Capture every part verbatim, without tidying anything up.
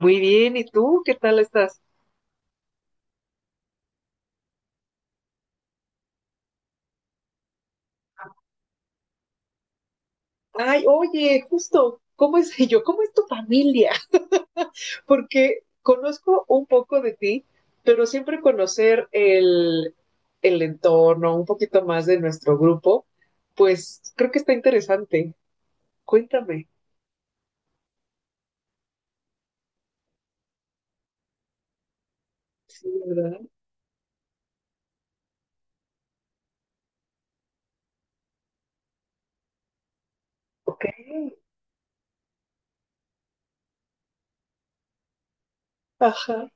Muy bien, ¿y tú qué tal estás? Ay, oye, justo, ¿cómo es yo? ¿Cómo es tu familia? Porque conozco un poco de ti, pero siempre conocer el, el entorno, un poquito más de nuestro grupo, pues creo que está interesante. Cuéntame. Sí, ¿verdad? Ok. Ajá.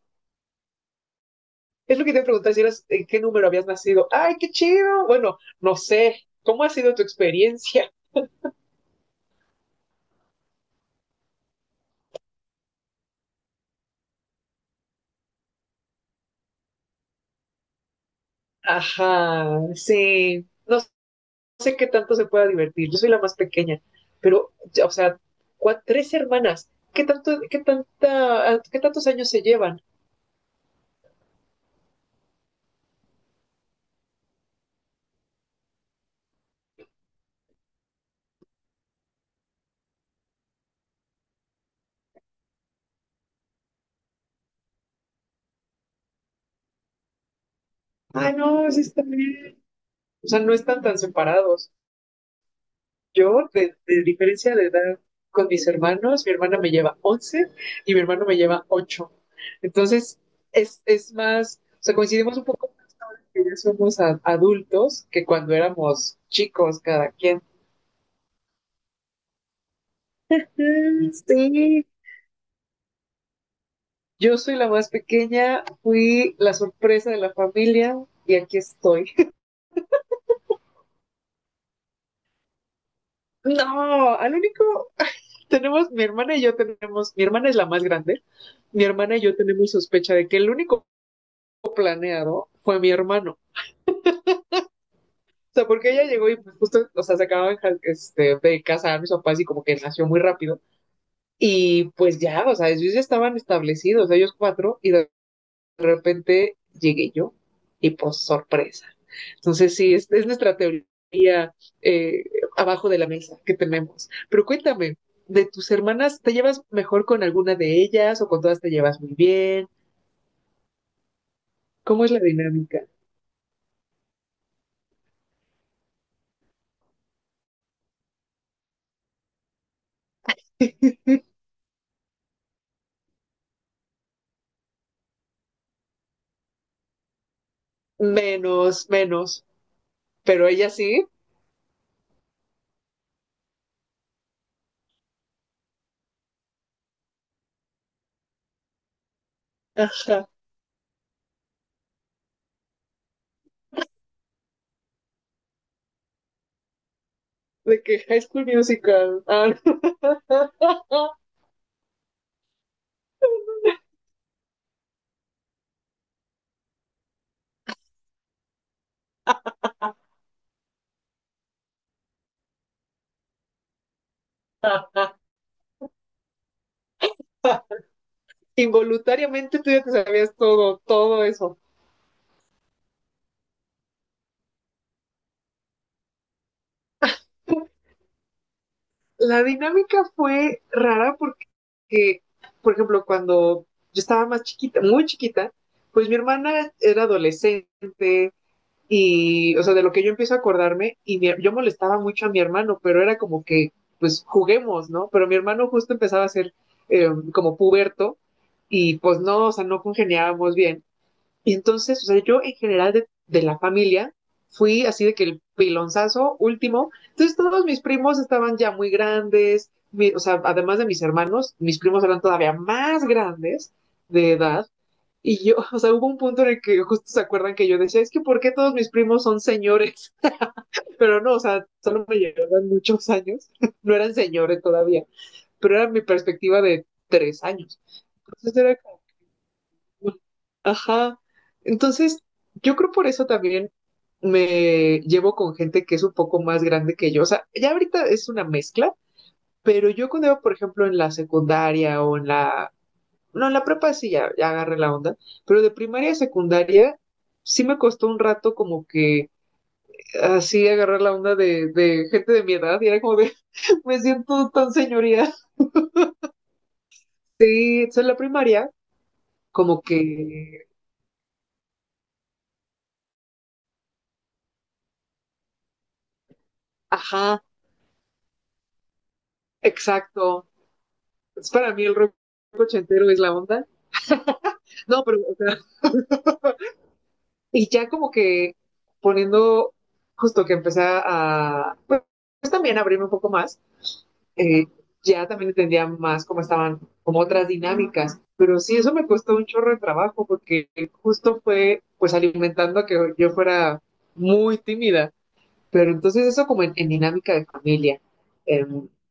Es lo que te iba a preguntar si eras, en qué número habías nacido. ¡Ay, qué chido! Bueno, no sé. ¿Cómo ha sido tu experiencia? Ajá, sí. No sé qué tanto se pueda divertir, yo soy la más pequeña, pero, o sea, cua- tres hermanas, ¿qué tanto, qué tanta, qué tantos años se llevan? Ah, no, sí está bien. O sea, no están tan separados. Yo, de, de diferencia de edad con mis hermanos, mi hermana me lleva once y mi hermano me lleva ocho. Entonces, es, es más, o sea, coincidimos un poco que ya somos a- adultos que cuando éramos chicos cada quien. Mm, sí. Yo soy la más pequeña, fui la sorpresa de la familia y aquí estoy. No, al único, tenemos, mi hermana y yo tenemos, mi hermana es la más grande, mi hermana y yo tenemos sospecha de que el único planeado fue mi hermano. O sea, porque ella llegó y pues justo, o sea, se acababan este, de casar mis papás y como que nació muy rápido. Y pues ya, o sea, ellos ya estaban establecidos, ellos cuatro, y de de repente llegué yo y pues sorpresa. Entonces sí, es, es nuestra teoría eh, abajo de la mesa que tenemos. Pero cuéntame, de tus hermanas, ¿te llevas mejor con alguna de ellas o con todas te llevas muy bien? ¿Cómo es la dinámica? Menos, menos, pero ella sí. Ajá. ¿De que High School Musical? Ah, no. Involuntariamente tú ya te sabías todo, todo eso. La dinámica fue rara porque que, por ejemplo, cuando yo estaba más chiquita, muy chiquita, pues mi hermana era adolescente y, o sea, de lo que yo empiezo a acordarme, y mi- yo molestaba mucho a mi hermano, pero era como que, pues juguemos, ¿no? Pero mi hermano justo empezaba a ser eh, como puberto y pues no, o sea, no congeniábamos bien. Y entonces, o sea, yo en general de, de la familia fui así de que el pilonzazo último. Entonces todos mis primos estaban ya muy grandes, mi- o sea, además de mis hermanos, mis primos eran todavía más grandes de edad. Y yo, o sea, hubo un punto en el que justo se acuerdan que yo decía, es que ¿por qué todos mis primos son señores? Pero no, o sea, solo me llevaban muchos años, no eran señores todavía, pero era mi perspectiva de tres años. Entonces era como, ajá. Entonces, yo creo por eso también me llevo con gente que es un poco más grande que yo. O sea, ya ahorita es una mezcla, pero yo cuando iba, por ejemplo, en la secundaria o en la... No, en la prepa sí ya, ya agarré la onda, pero de primaria a secundaria sí me costó un rato como que así agarrar la onda de, de gente de mi edad y era como de, me siento tan señoría. Y entonces en la primaria, como que, ajá, exacto. Es para mí el rock ochentero es la onda. No, pero, o sea, y ya como que poniendo, justo que empecé a, pues, pues, también abrirme un poco más, eh, ya también entendía más cómo estaban, como otras dinámicas. Pero sí, eso me costó un chorro de trabajo porque justo fue, pues, alimentando a que yo fuera muy tímida. Pero entonces eso como en, en dinámica de familia, eh,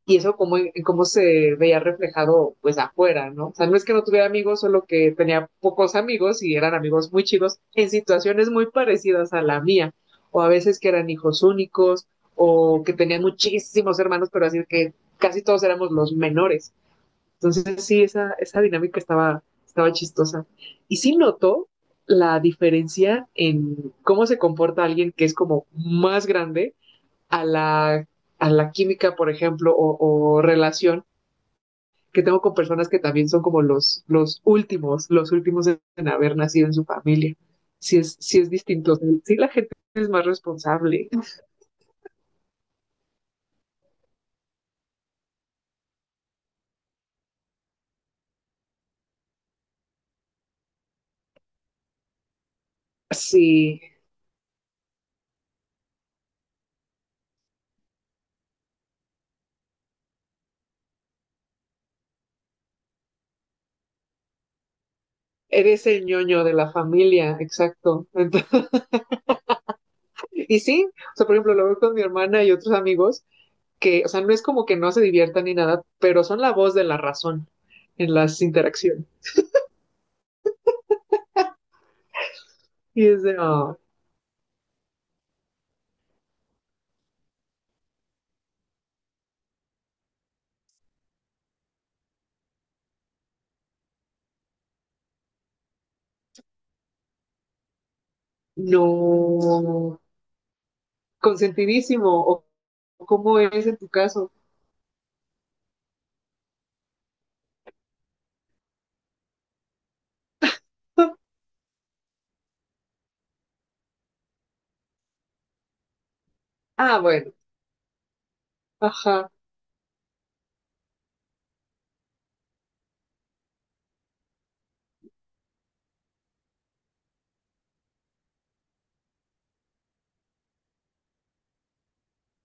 y eso como en, en cómo se veía reflejado pues afuera, ¿no? O sea, no es que no tuviera amigos, solo que tenía pocos amigos y eran amigos muy chicos en situaciones muy parecidas a la mía, o a veces que eran hijos únicos, o que tenían muchísimos hermanos, pero así que casi todos éramos los menores. Entonces sí, esa, esa dinámica estaba, estaba chistosa. Y sí noto la diferencia en cómo se comporta alguien que es como más grande a la, a la química, por ejemplo, o, o, relación que tengo con personas que también son como los, los últimos, los últimos en haber nacido en su familia. Si es, si es distinto, si la gente es más responsable, si eres el ñoño de la familia, exacto. Entonces, y sí, o sea, por ejemplo, lo veo con mi hermana y otros amigos que, o sea, no es como que no se diviertan ni nada, pero son la voz de la razón en las interacciones. Y es de, oh, no, ¿consentidísimo o cómo es en tu caso? ah, bueno, ajá,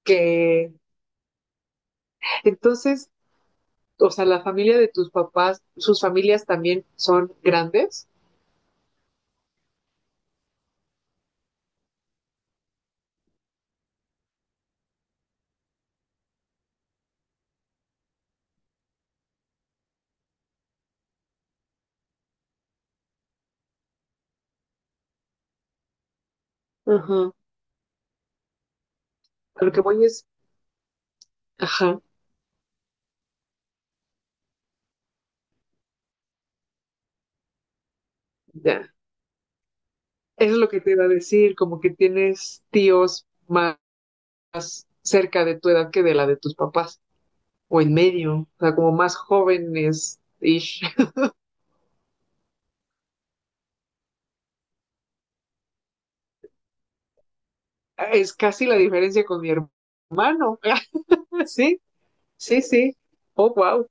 que entonces, o sea, la familia de tus papás, sus familias también son grandes. Ajá. A lo que voy es, ajá, ya. Eso es lo que te iba a decir, como que tienes tíos más cerca de tu edad que de la de tus papás, o en medio, o sea, como más jóvenes. Y es casi la diferencia con mi hermano. sí, sí, sí. Oh, wow.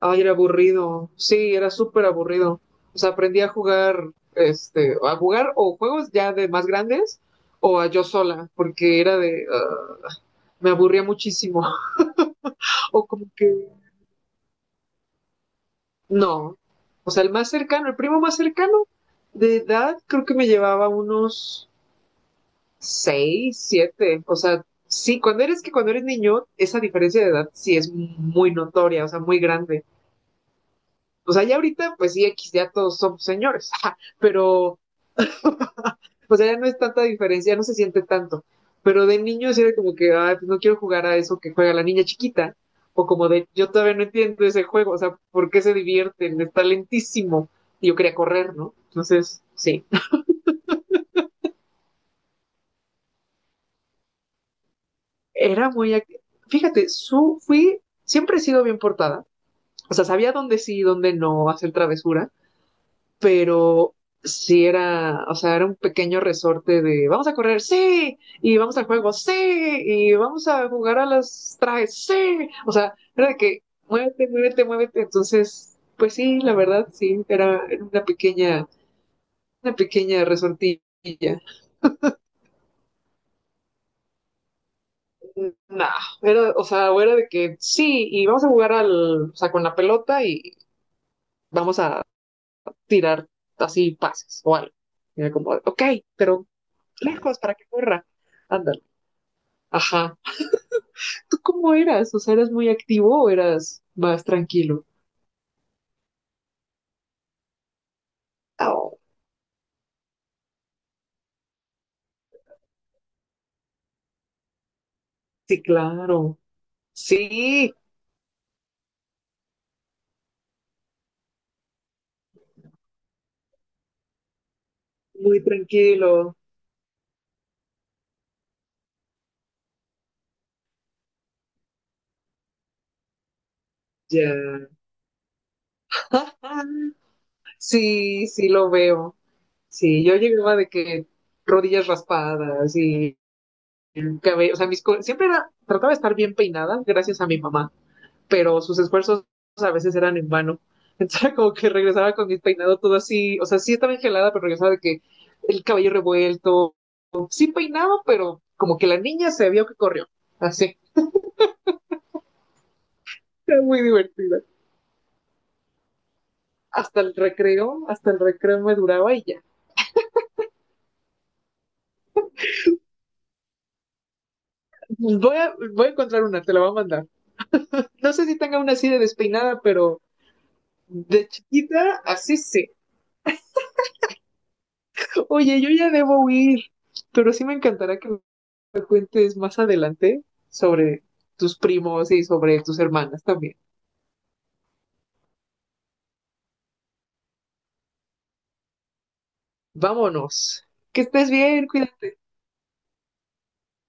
Ay, era aburrido. Sí, era súper aburrido. O sea, aprendí a jugar, este, a jugar o juegos ya de más grandes o a yo sola, porque era de, ah, me aburría muchísimo. O como que, no. O sea, el más cercano, el primo más cercano de edad, creo que me llevaba unos seis, siete. O sea, sí, cuando eres que cuando eres niño, esa diferencia de edad sí es muy notoria, o sea, muy grande. O sea, ya ahorita, pues sí, X, ya todos somos señores, pero o sea, ya no es tanta diferencia, ya no se siente tanto. Pero de niños era como que, ay, pues no quiero jugar a eso que juega la niña chiquita. O como de, yo todavía no entiendo ese juego, o sea, ¿por qué se divierten? Está lentísimo. Y yo quería correr, ¿no? Entonces, sí. Era muy. act- Fíjate, su, fui. Siempre he sido bien portada. O sea, sabía dónde sí y dónde no hacer travesuras, pero sí era, o sea, era un pequeño resorte de vamos a correr, sí, y vamos al juego, sí, y vamos a jugar a las trajes, sí, o sea, era de que muévete, muévete, muévete, entonces, pues sí, la verdad, sí, era era una pequeña, una pequeña resortilla. Nah, era, o sea, o era de que sí, y vamos a jugar al, o sea, con la pelota y vamos a tirar así pases o algo. Y era como, ok, pero lejos para que corra. Anda. Ajá. ¿Tú cómo eras? O sea, ¿eras muy activo o eras más tranquilo? Oh, sí, claro. Sí, muy tranquilo. Ya. Ah, sí, sí lo veo. Sí, yo llegaba de que rodillas raspadas y el cabello, o sea, mis co- siempre era, trataba de estar bien peinada gracias a mi mamá, pero sus esfuerzos a veces eran en vano. Entonces era como que regresaba con mi peinado todo así, o sea, sí estaba engelada, pero regresaba de que el cabello revuelto, sí peinaba, pero como que la niña se vio que corrió. Así, era muy divertida. Hasta el recreo, hasta el recreo me duraba y ya. Pues voy a, voy a encontrar una, te la voy a mandar. No sé si tenga una así de despeinada, pero de chiquita, así sí. Oye, yo ya debo huir, pero sí me encantará que me cuentes más adelante sobre tus primos y sobre tus hermanas también. Vámonos. Que estés bien, cuídate.